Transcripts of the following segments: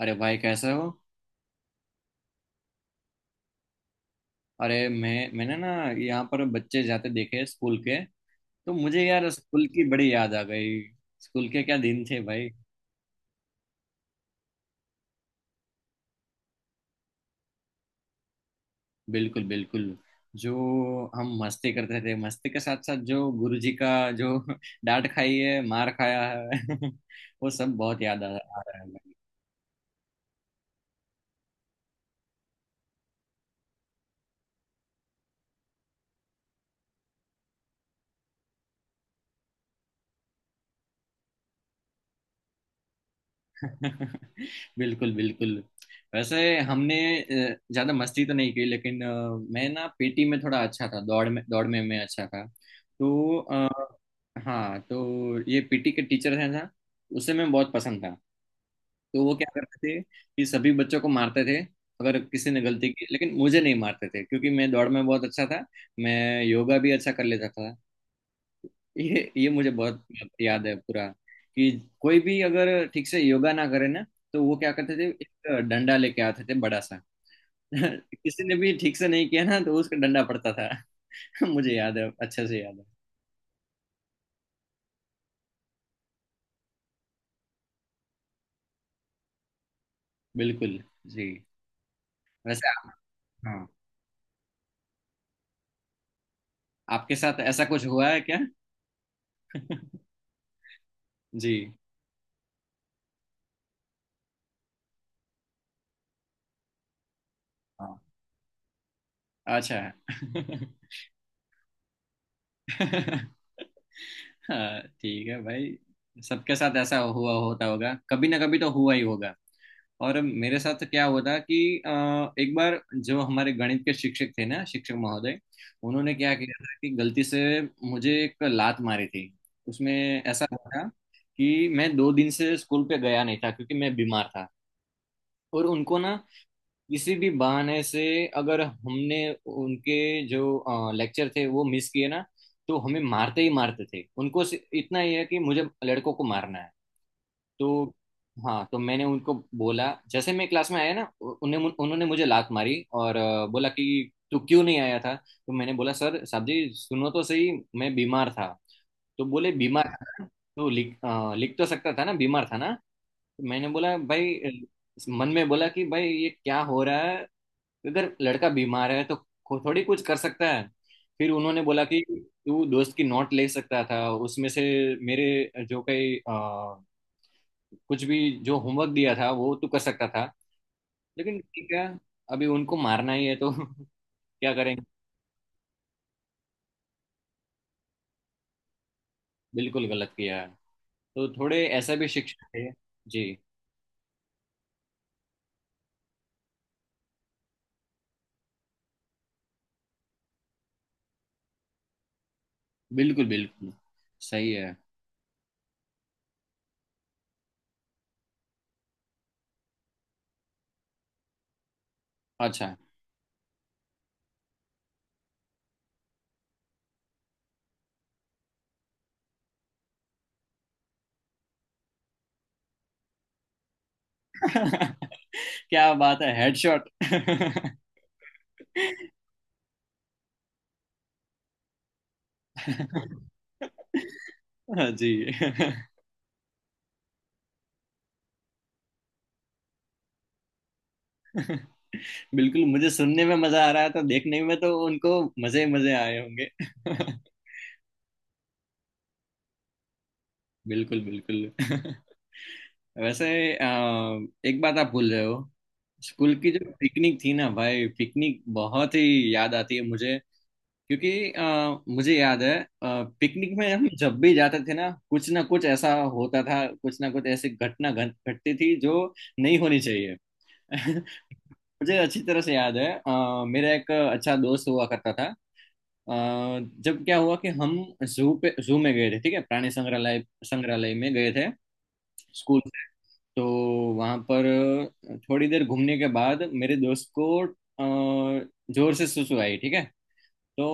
अरे भाई, कैसे हो? अरे मैं मैंने ना यहाँ पर बच्चे जाते देखे स्कूल के, तो मुझे यार स्कूल की बड़ी याद आ गई। स्कूल के क्या दिन थे भाई। बिल्कुल बिल्कुल। जो हम मस्ती करते थे, मस्ती के साथ साथ जो गुरुजी का, जो डांट खाई है, मार खाया है वो सब बहुत याद आ आ रहा है। बिल्कुल बिल्कुल। वैसे हमने ज्यादा मस्ती तो नहीं की, लेकिन मैं ना पीटी में थोड़ा अच्छा था, दौड़ में मैं अच्छा था, तो हाँ। तो ये पीटी के टीचर हैं ना, उसे मैं बहुत पसंद था। तो वो क्या करते थे कि सभी बच्चों को मारते थे अगर किसी ने गलती की, लेकिन मुझे नहीं मारते थे क्योंकि मैं दौड़ में बहुत अच्छा था। मैं योगा भी अच्छा कर लेता था। ये मुझे बहुत याद है पूरा, कि कोई भी अगर ठीक से योगा ना करे ना, तो वो क्या करते थे, एक डंडा लेके आते थे बड़ा सा। किसी ने भी ठीक से नहीं किया ना तो उसका डंडा पड़ता था। मुझे याद है, अच्छे से याद है। बिल्कुल जी। वैसे आप- हाँ, आपके साथ ऐसा कुछ हुआ है क्या? जी। हाँ, अच्छा। हाँ ठीक है भाई, सबके साथ ऐसा हुआ होता होगा, कभी ना कभी तो हुआ ही होगा। और मेरे साथ क्या हुआ था कि अ, एक बार जो हमारे गणित के शिक्षक थे ना, शिक्षक महोदय, उन्होंने क्या किया था कि गलती से मुझे एक लात मारी थी। उसमें ऐसा हुआ था कि मैं 2 दिन से स्कूल पे गया नहीं था क्योंकि मैं बीमार था, और उनको ना किसी भी बहाने से अगर हमने उनके जो लेक्चर थे वो मिस किए ना, तो हमें मारते ही मारते थे। उनको इतना ही है कि मुझे लड़कों को मारना है। तो हाँ, तो मैंने उनको बोला, जैसे मैं क्लास में आया ना उ- उन्हें उन्होंने मुझे लात मारी और बोला कि तू क्यों नहीं आया था। तो मैंने बोला, सर साहब जी, सुनो तो सही, मैं बीमार था। तो बोले बीमार था ना? तो लिख, लिख तो सकता था ना, बीमार था ना। तो मैंने बोला भाई, मन में बोला कि भाई ये क्या हो रहा है, अगर लड़का बीमार है तो थोड़ी कुछ कर सकता है। फिर उन्होंने बोला कि तू दोस्त की नोट ले सकता था, उसमें से मेरे जो कई कुछ भी जो होमवर्क दिया था वो तो कर सकता था, लेकिन ठीक है, अभी उनको मारना ही है तो क्या करेंगे। बिल्कुल गलत किया है। तो थोड़े ऐसा भी शिक्षक है। जी बिल्कुल बिल्कुल, सही है। अच्छा। क्या बात है, हेडशॉट। जी। बिल्कुल, मुझे सुनने में मजा आ रहा है तो देखने में तो उनको मजे मजे आए होंगे। बिल्कुल बिल्कुल। वैसे अ, एक बात आप भूल रहे हो, स्कूल की जो पिकनिक थी ना भाई, पिकनिक बहुत ही याद आती है मुझे, क्योंकि मुझे याद है, पिकनिक में हम जब भी जाते थे ना, कुछ ना कुछ ऐसा होता था, कुछ ना कुछ ऐसी घटना घट घटती थी जो नहीं होनी चाहिए। मुझे अच्छी तरह से याद है, मेरा एक अच्छा दोस्त हुआ करता था, जब क्या हुआ कि हम जू में गए थे, ठीक है, प्राणी संग्रहालय संग्रहालय में गए थे स्कूल से। तो वहां पर थोड़ी देर घूमने के बाद मेरे दोस्त को जोर से सुसु आई, ठीक है। तो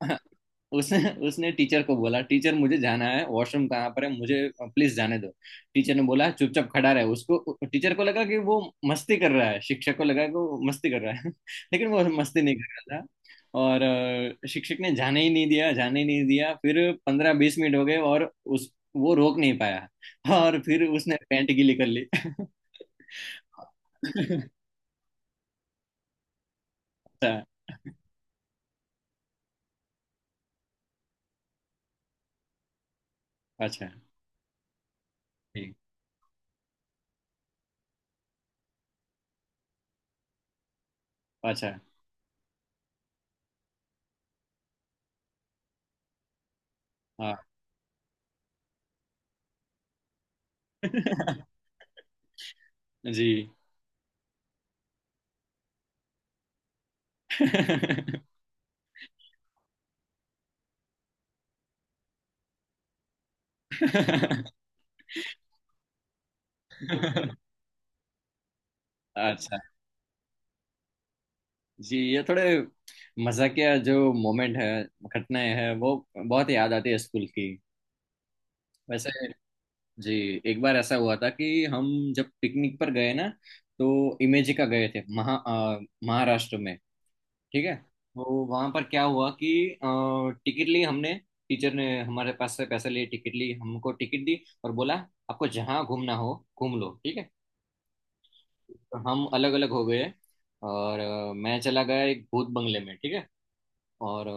उसने उसने टीचर को बोला, टीचर मुझे जाना है, वॉशरूम कहाँ पर है, मुझे प्लीज जाने दो। टीचर ने बोला चुपचाप खड़ा रहे, उसको टीचर को लगा कि वो मस्ती कर रहा है, शिक्षक को लगा कि वो मस्ती कर रहा है, लेकिन वो मस्ती नहीं कर रहा था। और शिक्षक ने जाने ही नहीं दिया, जाने ही नहीं दिया। फिर 15-20 मिनट हो गए, और उस वो रोक नहीं पाया, और फिर उसने पैंट गीली कर ली। अच्छा। अच्छा, ठीक। अच्छा। हाँ। जी। अच्छा। जी, ये थोड़े मजाकिया जो मोमेंट है, घटनाएं हैं, वो बहुत याद आती है स्कूल की। वैसे जी, एक बार ऐसा हुआ था कि हम जब पिकनिक पर गए ना, तो इमेजिका गए थे, महाराष्ट्र में, ठीक है। तो वहां पर क्या हुआ कि टिकट ली हमने, टीचर ने हमारे पास से पैसे लिए, टिकट ली, हमको टिकट दी और बोला आपको जहाँ घूमना हो घूम लो, ठीक है। हम अलग अलग हो गए, और मैं चला गया एक भूत बंगले में, ठीक है। और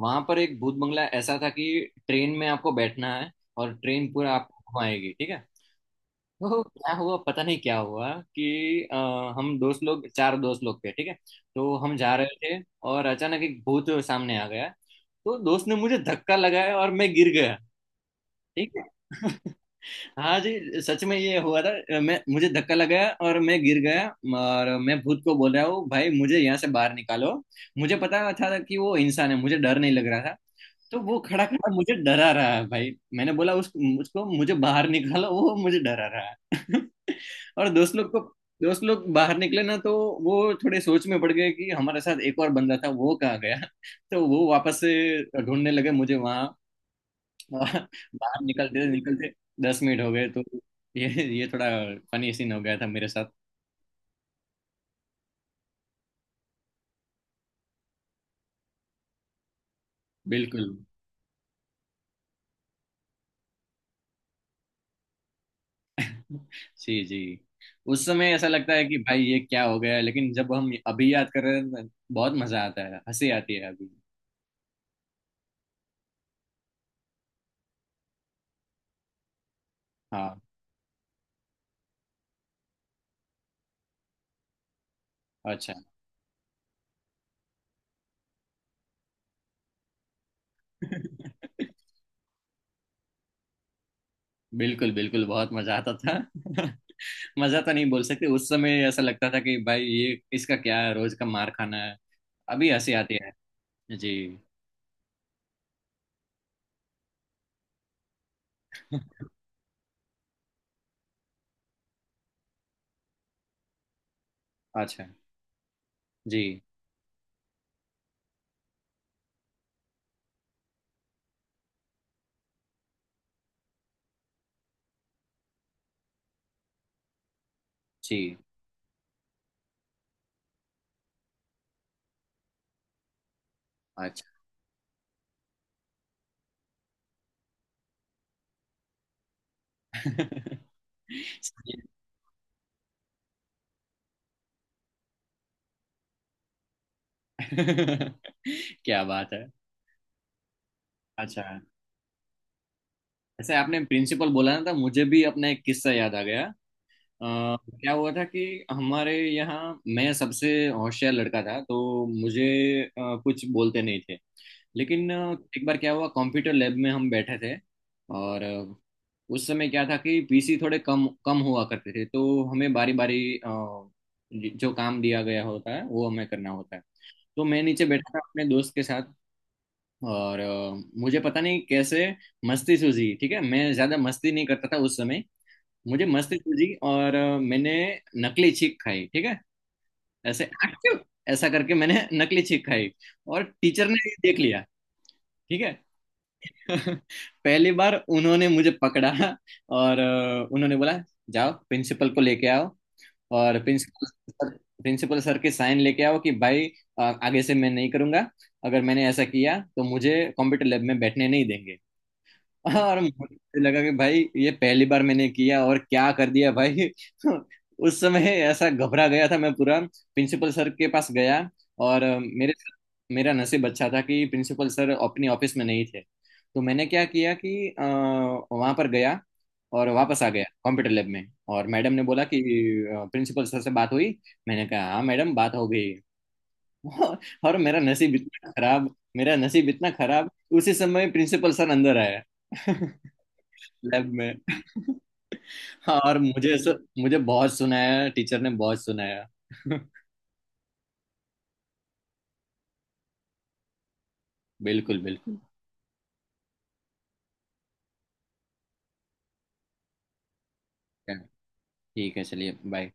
वहां पर एक भूत बंगला ऐसा था कि ट्रेन में आपको बैठना है, और ट्रेन पूरा आपको घुमाएगी, ठीक है। तो क्या हुआ पता नहीं क्या हुआ कि अ, हम दोस्त लोग चार दोस्त लोग थे, ठीक है। तो हम जा रहे थे, और अचानक एक भूत सामने आ गया, तो दोस्त ने मुझे धक्का लगाया और मैं गिर गया, ठीक है। हाँ जी, सच में ये हुआ था, मैं मुझे धक्का लगाया और मैं गिर गया, और मैं भूत को बोल रहा हूँ भाई, मुझे यहाँ से बाहर निकालो। मुझे पता था कि वो इंसान है, मुझे डर नहीं लग रहा था। तो वो खड़ा खड़ा मुझे डरा रहा है भाई, मैंने बोला उस उसको मुझे बाहर निकालो, वो मुझे डरा रहा है। और दोस्त लोग बाहर निकले ना तो वो थोड़े सोच में पड़ गए कि हमारे साथ एक और बंदा था, वो कहाँ गया। तो वो वापस से ढूंढने लगे मुझे वहां। हाँ, बाहर निकलते निकलते 10 मिनट हो गए तो ये ये थोड़ा फनी सीन हो गया था मेरे साथ। बिल्कुल जी। जी, उस समय ऐसा लगता है कि भाई ये क्या हो गया, लेकिन जब हम अभी याद कर रहे हैं तो बहुत मजा आता है, हंसी आती है अभी। हाँ, अच्छा। बिल्कुल बिल्कुल, बहुत मजा आता था। मजा तो नहीं बोल सकते, उस समय ऐसा लगता था कि भाई ये इसका क्या है, रोज का मार खाना है। अभी हंसी आती है। जी। अच्छा। जी जी। अच्छा। क्या बात है। अच्छा, ऐसे आपने प्रिंसिपल बोला ना था, मुझे भी अपना एक किस्सा याद आ गया। क्या हुआ था कि हमारे यहाँ मैं सबसे होशियार लड़का था, तो मुझे कुछ बोलते नहीं थे। लेकिन एक बार क्या हुआ, कंप्यूटर लैब में हम बैठे थे, और उस समय क्या था कि पीसी थोड़े कम कम हुआ करते थे, तो हमें बारी बारी जो काम दिया गया होता है वो हमें करना होता है। तो मैं नीचे बैठा था अपने दोस्त के साथ, और मुझे पता नहीं कैसे मस्ती सूझी, ठीक है, मैं ज्यादा मस्ती नहीं करता था उस समय। मुझे मस्ती सूझी और मैंने नकली छींक खाई, ठीक है, ऐसे "आक्यू!" ऐसा करके मैंने नकली छींक खाई, और टीचर ने ये देख लिया, ठीक है। पहली बार उन्होंने मुझे पकड़ा, और उन्होंने बोला जाओ प्रिंसिपल को लेके आओ, और सर प्रिंसिपल सर के साइन लेके आओ कि भाई आगे से मैं नहीं करूंगा, अगर मैंने ऐसा किया तो मुझे कंप्यूटर लैब में बैठने नहीं देंगे। और मुझे लगा कि भाई ये पहली बार मैंने किया और क्या कर दिया भाई। उस समय ऐसा घबरा गया था मैं पूरा, प्रिंसिपल सर के पास गया, और अ, मेरे मेरा नसीब अच्छा था कि प्रिंसिपल सर अपनी ऑफिस में नहीं थे। तो मैंने क्या किया कि वहां पर गया और वापस आ गया कंप्यूटर लैब में। और मैडम ने बोला कि प्रिंसिपल सर से बात हुई, मैंने कहा हाँ मैडम, बात हो गई। और मेरा नसीब इतना खराब, मेरा नसीब इतना खराब, उसी समय प्रिंसिपल सर अंदर आया लैब में। हाँ, और मुझे बहुत सुनाया, टीचर ने बहुत सुनाया। बिल्कुल बिल्कुल। ठीक है, चलिए, बाय।